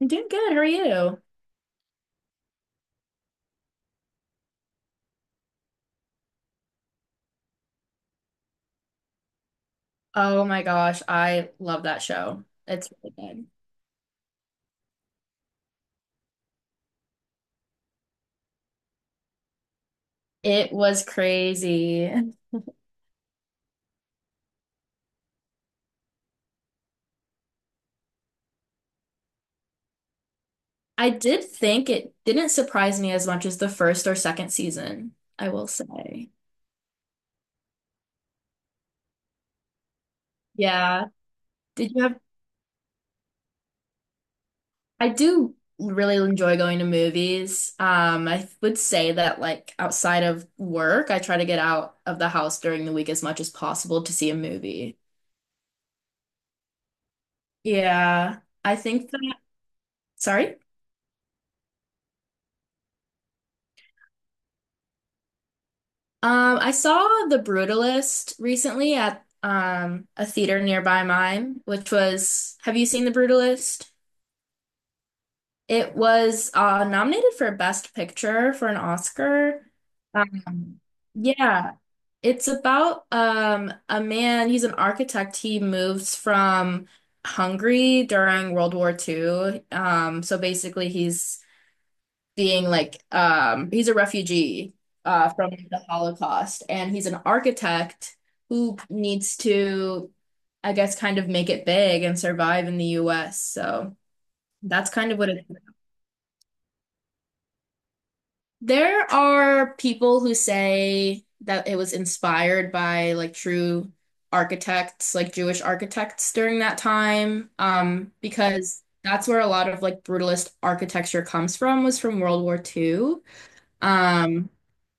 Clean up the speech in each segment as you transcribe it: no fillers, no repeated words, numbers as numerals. I'm doing good. How are you? Oh my gosh, I love that show. It's really good. It was crazy. I did think it didn't surprise me as much as the first or second season, I will say. Yeah. Did you have, I do really enjoy going to movies. I would say that outside of work, I try to get out of the house during the week as much as possible to see a movie. Yeah. I think that, sorry? I saw The Brutalist recently at a theater nearby mine, which was, have you seen The Brutalist? It was nominated for Best Picture for an Oscar. Um, yeah, it's about a man, he's an architect. He moves from Hungary during World War II. So basically he's being like he's a refugee from the Holocaust, and he's an architect who needs to, I guess, kind of make it big and survive in the US. So that's kind of what it is. There are people who say that it was inspired by like true architects, like Jewish architects during that time, because that's where a lot of like brutalist architecture comes from, was from World War Two. Um,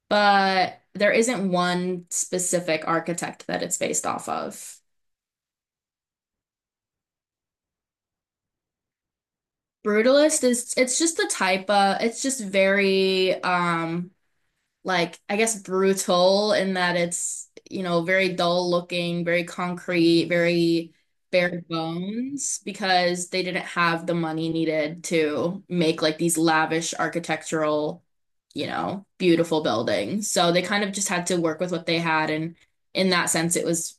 but there isn't one specific architect that it's based off of. Brutalist is it's just the type of it's just very like, I guess, brutal in that it's, you know, very dull looking, very concrete, very bare bones because they didn't have the money needed to make like these lavish architectural, you know, beautiful buildings. So they kind of just had to work with what they had, and in that sense it was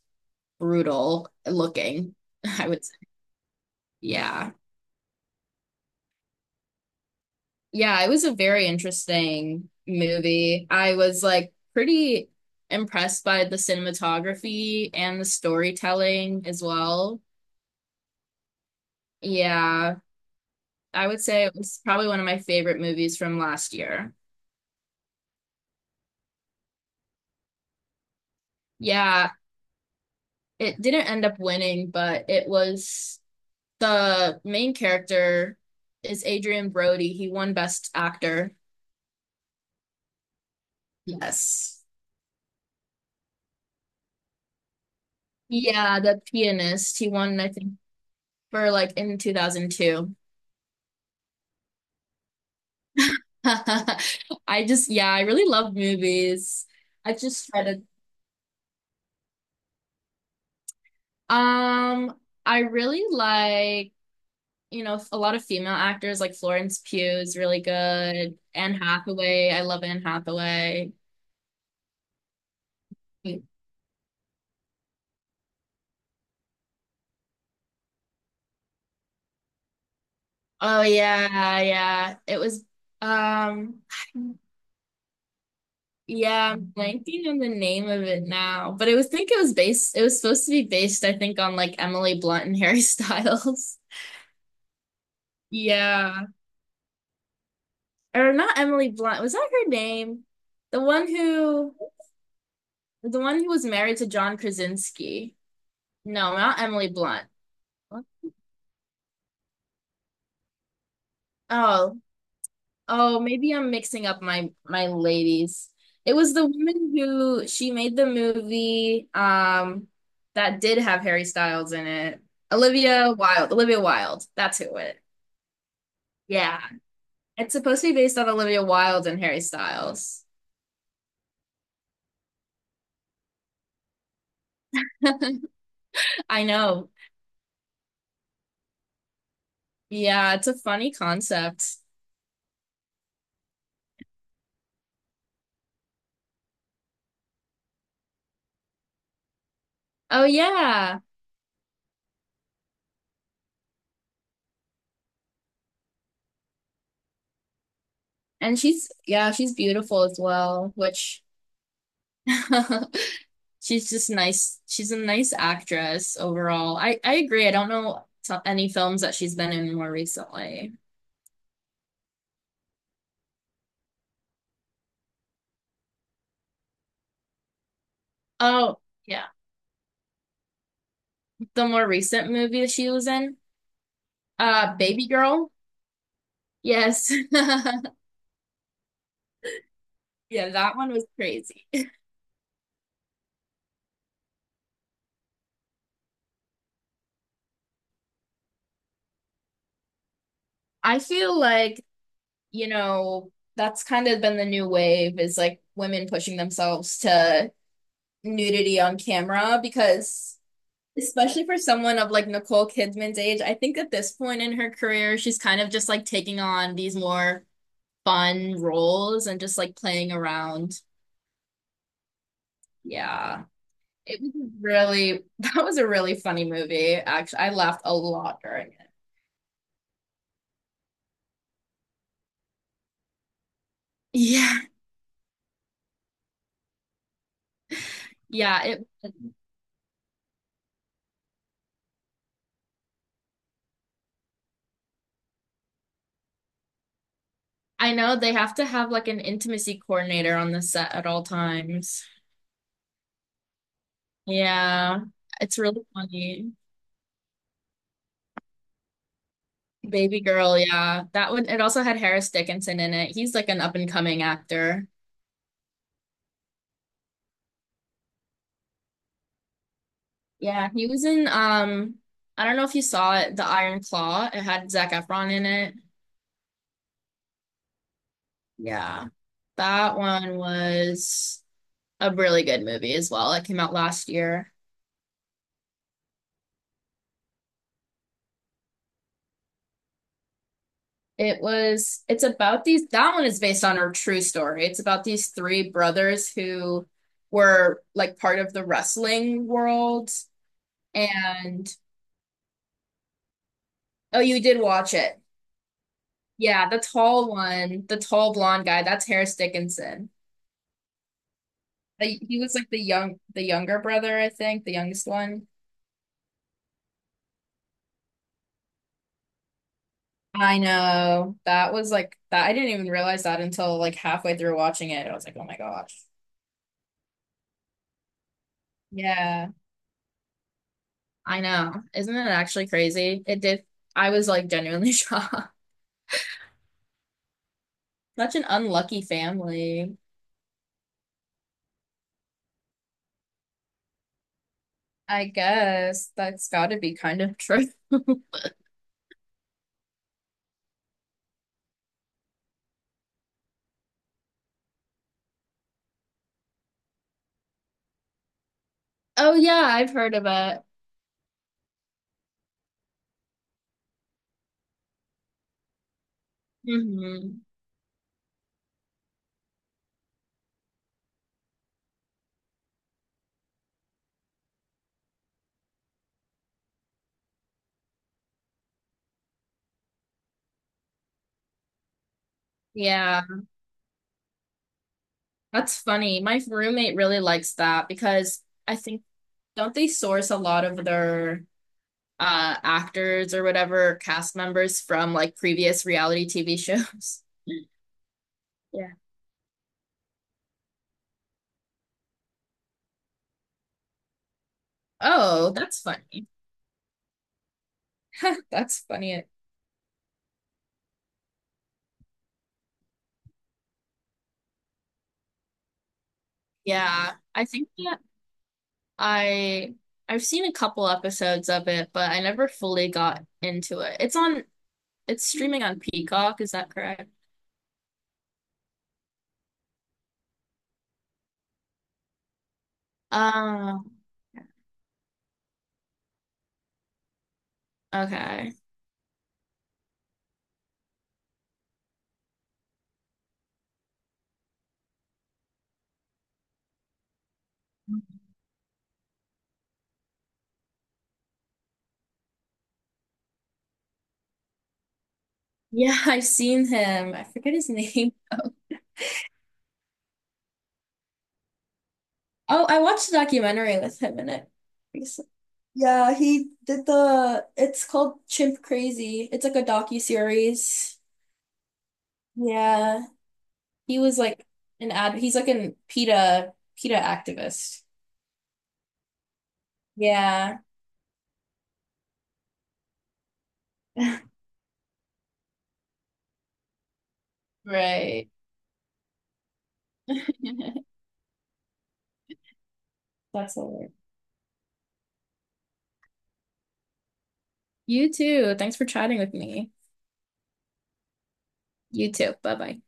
brutal looking, I would say. Yeah. Yeah, it was a very interesting movie. I was like pretty impressed by the cinematography and the storytelling as well. Yeah, I would say it was probably one of my favorite movies from last year. Yeah, it didn't end up winning, but it was the main character is Adrian Brody. He won Best Actor. Yes. Yeah, the pianist. He won, I think, for like in 2002. I just, yeah, I really love movies. I've just tried to, um, I really like, you know, a lot of female actors like Florence Pugh is really good. Anne Hathaway, I love Anne Hathaway. Oh yeah, yeah. It was, um, yeah, I'm blanking on the name of it now, but it was, think it was based, it was supposed to be based, I think, on like Emily Blunt and Harry Styles. Yeah. Or not Emily Blunt. Was that her name? The one who the one who was married to John Krasinski. No, not Emily Blunt. What? Oh, oh, maybe I'm mixing up my ladies. It was the woman who she made the movie that did have Harry Styles in it. Olivia Wilde. Olivia Wilde. That's who it. Yeah. It's supposed to be based on Olivia Wilde and Harry Styles. I know. Yeah, it's a funny concept. Oh yeah. And she's, yeah, she's beautiful as well, which she's just nice. She's a nice actress overall. I agree. I don't know any films that she's been in more recently. Oh, yeah. The more recent movie that she was in, Baby Girl. Yes. Yeah, that one was crazy. I feel like, you know, that's kind of been the new wave is like women pushing themselves to nudity on camera because especially for someone of like Nicole Kidman's age, I think at this point in her career, she's kind of just like taking on these more fun roles and just like playing around. Yeah. It was a really, that was a really funny movie. Actually, I laughed a lot during it. Yeah. Yeah. It, I know they have to have like an intimacy coordinator on the set at all times. Yeah. It's really funny. Baby girl, yeah. That one, it also had Harris Dickinson in it. He's like an up and coming actor. Yeah, he was in I don't know if you saw it, The Iron Claw. It had Zac Efron in it. Yeah. That one was a really good movie as well. It came out last year. It's about these that one is based on a true story. It's about these three brothers who were like part of the wrestling world and oh you did watch it. Yeah, the tall one, the tall blonde guy, that's Harris Dickinson. The, he was like the younger brother, I think, the youngest one. I know. That was like that. I didn't even realize that until like halfway through watching it. I was like, oh my gosh. Yeah, I know. Isn't it actually crazy? It did. I was like genuinely shocked. Such an unlucky family. I guess that's got to be kind of true. Oh yeah, I've heard of it. Hmm. Yeah, that's funny. My roommate really likes that because I think don't they source a lot of their actors or whatever cast members from like previous reality TV shows. Yeah. Oh, that's funny. That's funny. Yeah, I think that I I've seen a couple episodes of it, but I never fully got into it. It's streaming on Peacock, is that correct? Uh, okay. Yeah, I've seen him. I forget his name. Oh, I watched a documentary with him in it recently. Yeah, he did the, it's called Chimp Crazy. It's like a docu-series. Yeah. He was like he's like an PETA, PETA activist. Yeah. Right. That's all right. You too. Thanks for chatting with me. You too. Bye bye.